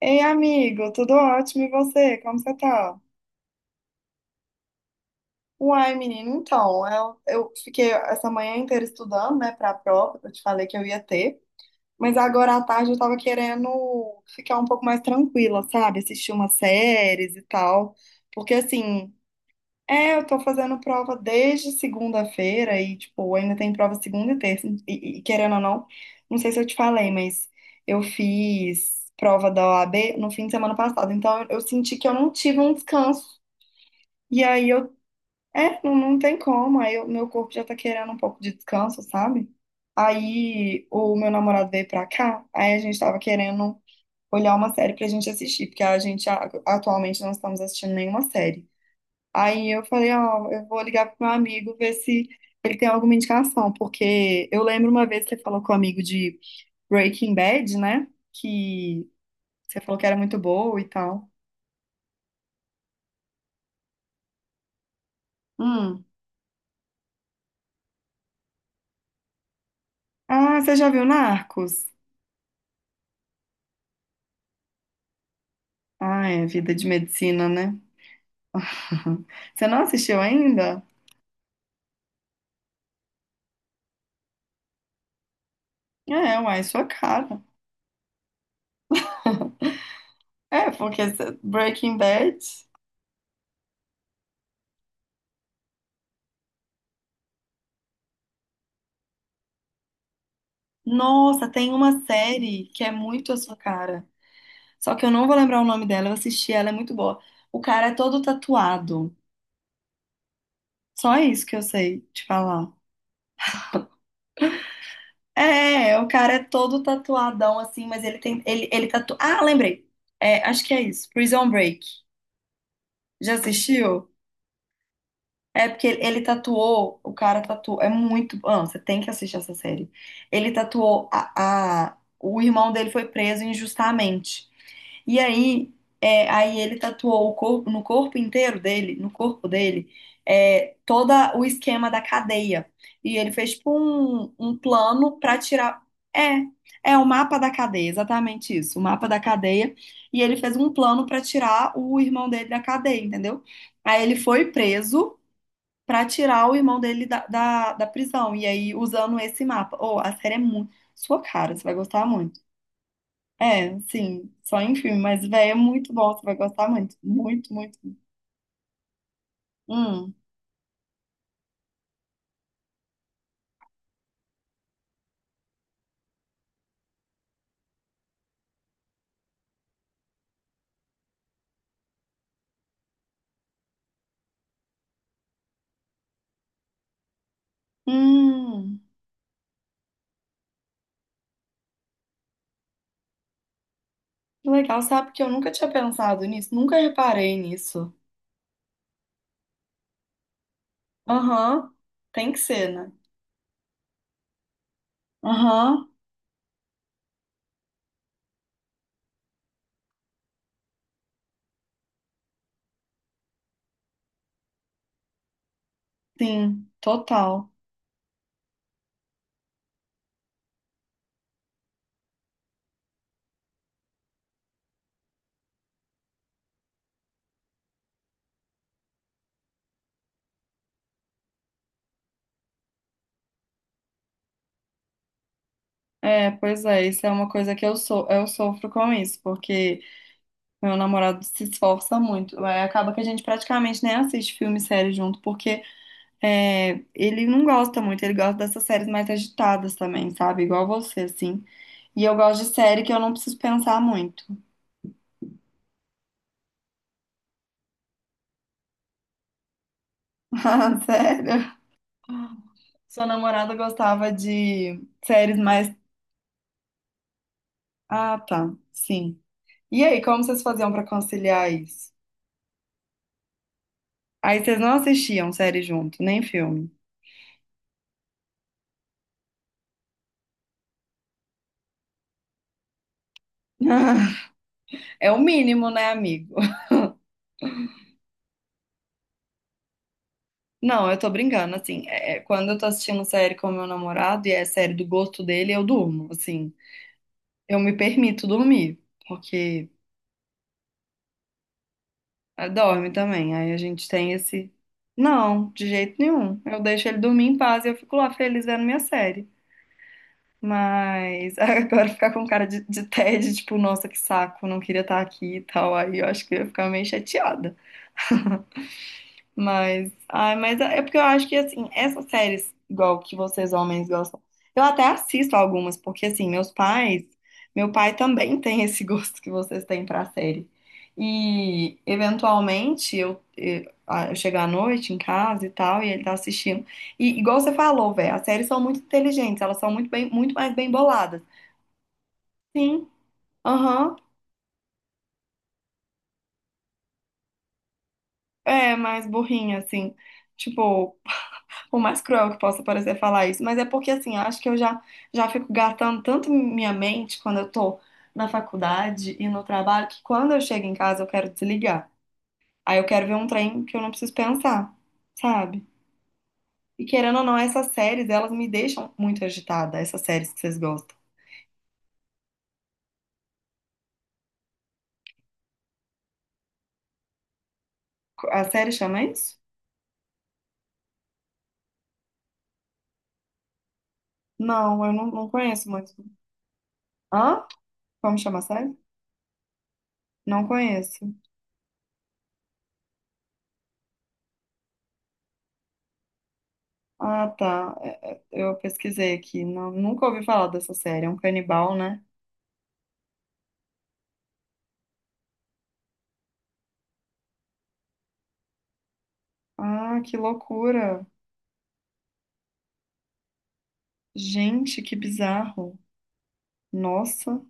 Ei, amigo, tudo ótimo e você? Como você tá? Uai, menino, então, eu fiquei essa manhã inteira estudando, né, pra prova, que eu te falei que eu ia ter, mas agora à tarde eu tava querendo ficar um pouco mais tranquila, sabe? Assistir umas séries e tal, porque assim, é, eu tô fazendo prova desde segunda-feira e, tipo, ainda tem prova segunda e terça. E, querendo ou não, não sei se eu te falei, mas eu fiz prova da OAB no fim de semana passado. Então, eu senti que eu não tive um descanso. E aí eu, é, não, não tem como. Meu corpo já tá querendo um pouco de descanso, sabe? Aí o meu namorado veio pra cá, aí a gente tava querendo olhar uma série pra gente assistir, porque a gente atualmente não estamos assistindo nenhuma série. Aí eu falei, ó, eu vou ligar pro meu amigo ver se ele tem alguma indicação, porque eu lembro uma vez que você falou com o amigo de Breaking Bad, né? Que você falou que era muito boa e tal. Hum. Ah, você já viu Narcos? Ah, é vida de medicina, né? Você não assistiu ainda? É, uai, é sua cara. Breaking Bad. Nossa, tem uma série que é muito a sua cara. Só que eu não vou lembrar o nome dela, eu assisti, ela é muito boa. O cara é todo tatuado. Só isso que eu sei te falar. É, é, o cara é todo tatuadão assim, mas ele tem. Ele, Ah, lembrei. É, acho que é isso. Prison Break. Já assistiu? É porque ele tatuou. O cara tatuou. É muito. Ah, você tem que assistir essa série. Ele tatuou. O irmão dele foi preso injustamente. E aí, é, aí ele tatuou o corpo, no corpo inteiro dele, no corpo dele, é, todo o esquema da cadeia. E ele fez tipo um plano para tirar. É, é o mapa da cadeia, exatamente isso, o mapa da cadeia. E ele fez um plano para tirar o irmão dele da cadeia, entendeu? Aí ele foi preso para tirar o irmão dele da prisão. E aí, usando esse mapa. Oh, a série é muito sua cara, você vai gostar muito. É, sim, só em filme, mas, véi, é muito bom, você vai gostar muito, muito, muito. Hum, hum, que legal, sabe que eu nunca tinha pensado nisso, nunca reparei nisso. Aham, tem que ser, né? Aham, sim, total. É, pois é, isso é uma coisa que eu sou, eu sofro com isso, porque meu namorado se esforça muito, é, acaba que a gente praticamente nem assiste filme e série junto, porque é, ele não gosta muito, ele gosta dessas séries mais agitadas também, sabe? Igual você, assim. E eu gosto de série que eu não preciso pensar muito. Ah, sério? Sua namorada gostava de séries mais. Ah, tá. Sim. E aí, como vocês faziam pra conciliar isso? Aí vocês não assistiam série junto, nem filme. É o mínimo, né, amigo? Não, eu tô brincando, assim, é, quando eu tô assistindo série com meu namorado e é série do gosto dele, eu durmo, assim. Eu me permito dormir, porque ela dorme também. Aí a gente tem esse. Não, de jeito nenhum. Eu deixo ele dormir em paz e eu fico lá feliz vendo minha série. Mas agora ficar com cara de tédio, tipo, nossa, que saco, não queria estar aqui e tal. Aí eu acho que eu ia ficar meio chateada. Mas, ai, mas é porque eu acho que assim, essas séries, igual que vocês homens gostam, eu até assisto algumas, porque assim, meus pais, meu pai também tem esse gosto que vocês têm pra série. E eventualmente eu chego à noite em casa e tal, e ele tá assistindo. E igual você falou, velho, as séries são muito inteligentes, elas são muito bem, muito mais bem boladas. Sim, aham, é mais burrinha, assim. Tipo. Por mais cruel que possa parecer falar isso, mas é porque assim, eu acho que já fico gastando tanto minha mente quando eu tô na faculdade e no trabalho, que quando eu chego em casa eu quero desligar. Aí eu quero ver um trem que eu não preciso pensar, sabe? E querendo ou não, essas séries, elas me deixam muito agitada, essas séries que vocês gostam. A série chama isso? Não, eu não, não conheço muito. Hã? Como chama a série? Não conheço. Ah, tá. Eu pesquisei aqui. Não, nunca ouvi falar dessa série. É um canibal, né? Ah, que loucura. Gente, que bizarro. Nossa.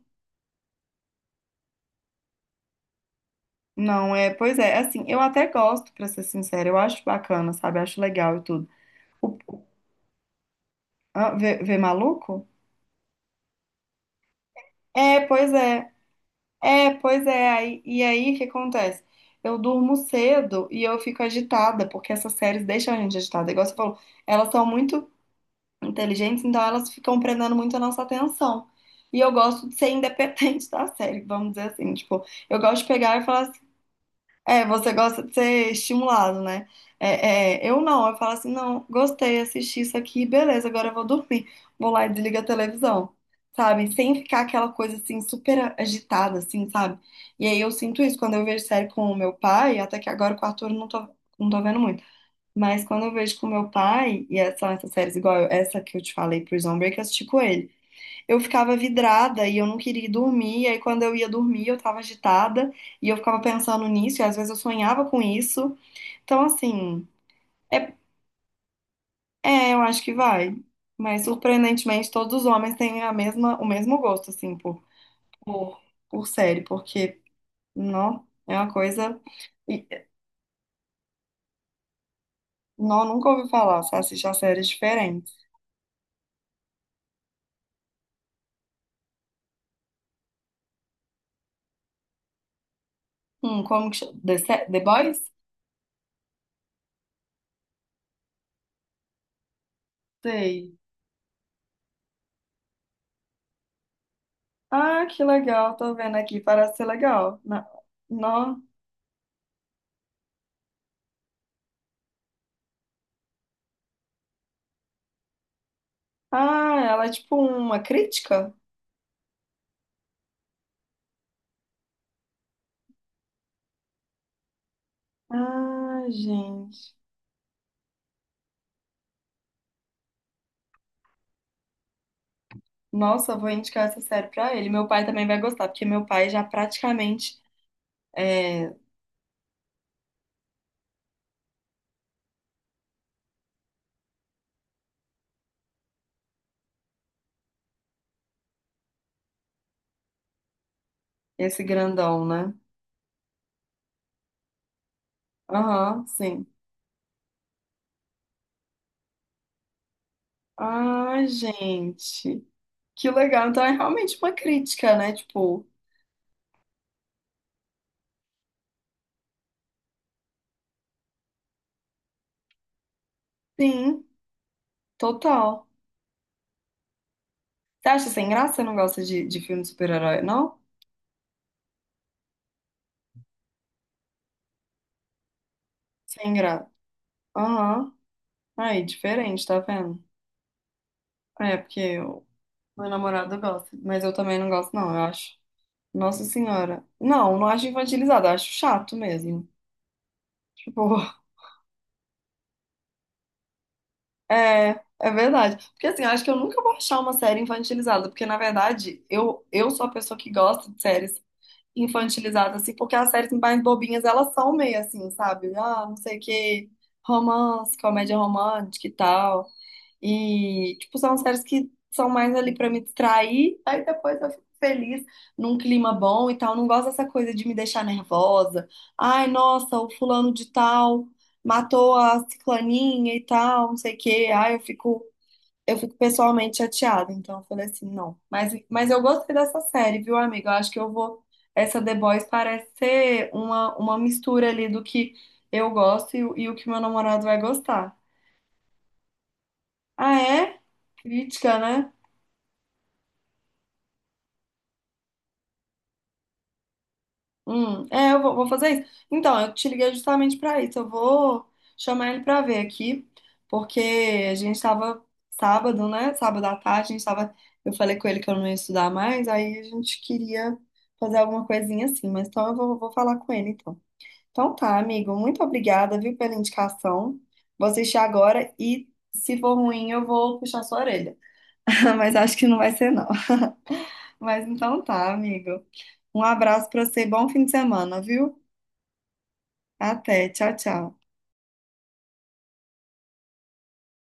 Não, é, pois é, assim, eu até gosto, pra ser sincera, eu acho bacana, sabe? Eu acho legal e tudo. O, o- vê, vê maluco? É, pois é. É, pois é. Aí, e aí, o que acontece? Eu durmo cedo e eu fico agitada, porque essas séries deixam a gente agitada. Igual você falou, elas são muito inteligentes, então elas ficam prendendo muito a nossa atenção. E eu gosto de ser independente da série, vamos dizer assim, tipo, eu gosto de pegar e falar assim, é, você gosta de ser estimulado, né? Eu não, eu falo assim, não, gostei, assisti isso aqui, beleza, agora eu vou dormir. Vou lá e desligo a televisão, sabe? Sem ficar aquela coisa assim, super agitada, assim, sabe? E aí eu sinto isso quando eu vejo série com o meu pai, até que agora com o Arthur eu não tô, não tô vendo muito. Mas quando eu vejo com o meu pai, e são essas séries igual essa que eu te falei, Prison Break, eu assisti com ele. Eu ficava vidrada e eu não queria ir dormir. E aí, quando eu ia dormir, eu tava agitada e eu ficava pensando nisso. E às vezes eu sonhava com isso. Então, assim, é, é, eu acho que vai. Mas surpreendentemente, todos os homens têm a mesma, o mesmo gosto, assim, por, por série, porque não é uma coisa. e- Não, nunca ouvi falar. Só assisti a séries diferentes. Como que chama? The, Se- The Boys? Sei. Ah, que legal. Tô vendo aqui. Parece ser legal. Não. Ah, ela é tipo uma crítica? Ah, gente. Nossa, eu vou indicar essa série pra ele. Meu pai também vai gostar, porque meu pai já praticamente é esse grandão, né? Aham, sim. Ah, gente. Que legal. Então é realmente uma crítica, né? Tipo, sim, total. Você acha sem graça? Você não gosta de filme de super-herói, não? Sem graça. Aham. Aí, diferente, tá vendo? É, porque o meu namorado gosta, mas eu também não gosto, não, eu acho. Nossa Senhora. Não, não acho infantilizado, eu acho chato mesmo. Tipo, é, é verdade. Porque assim, eu acho que eu nunca vou achar uma série infantilizada, porque na verdade eu sou a pessoa que gosta de séries infantilizadas, assim, porque as séries mais bobinhas elas são meio assim, sabe? Ah, não sei o que, romance, comédia romântica e tal. E, tipo, são séries que são mais ali pra me distrair, aí depois eu fico feliz, num clima bom e tal. Não gosto dessa coisa de me deixar nervosa. Ai, nossa, o fulano de tal matou a ciclaninha e tal, não sei o quê. Ai, eu fico pessoalmente chateada. Então eu falei assim, não. Mas eu gostei dessa série, viu, amiga? Eu acho que eu vou. Essa The Boys parece ser uma mistura ali do que eu gosto e o que meu namorado vai gostar. Ah, é? Crítica, né? É, eu vou, vou fazer isso. Então, eu te liguei justamente para isso. Eu vou chamar ele para ver aqui, porque a gente estava sábado, né? Sábado à tarde, a gente estava. Eu falei com ele que eu não ia estudar mais, aí a gente queria fazer alguma coisinha assim, mas então eu vou, vou falar com ele então. Então tá, amigo, muito obrigada, viu, pela indicação. Vou assistir agora e se for ruim, eu vou puxar sua orelha. Mas acho que não vai ser, não. Mas então tá, amigo. Um abraço para você, bom fim de semana, viu? Até. Tchau, tchau.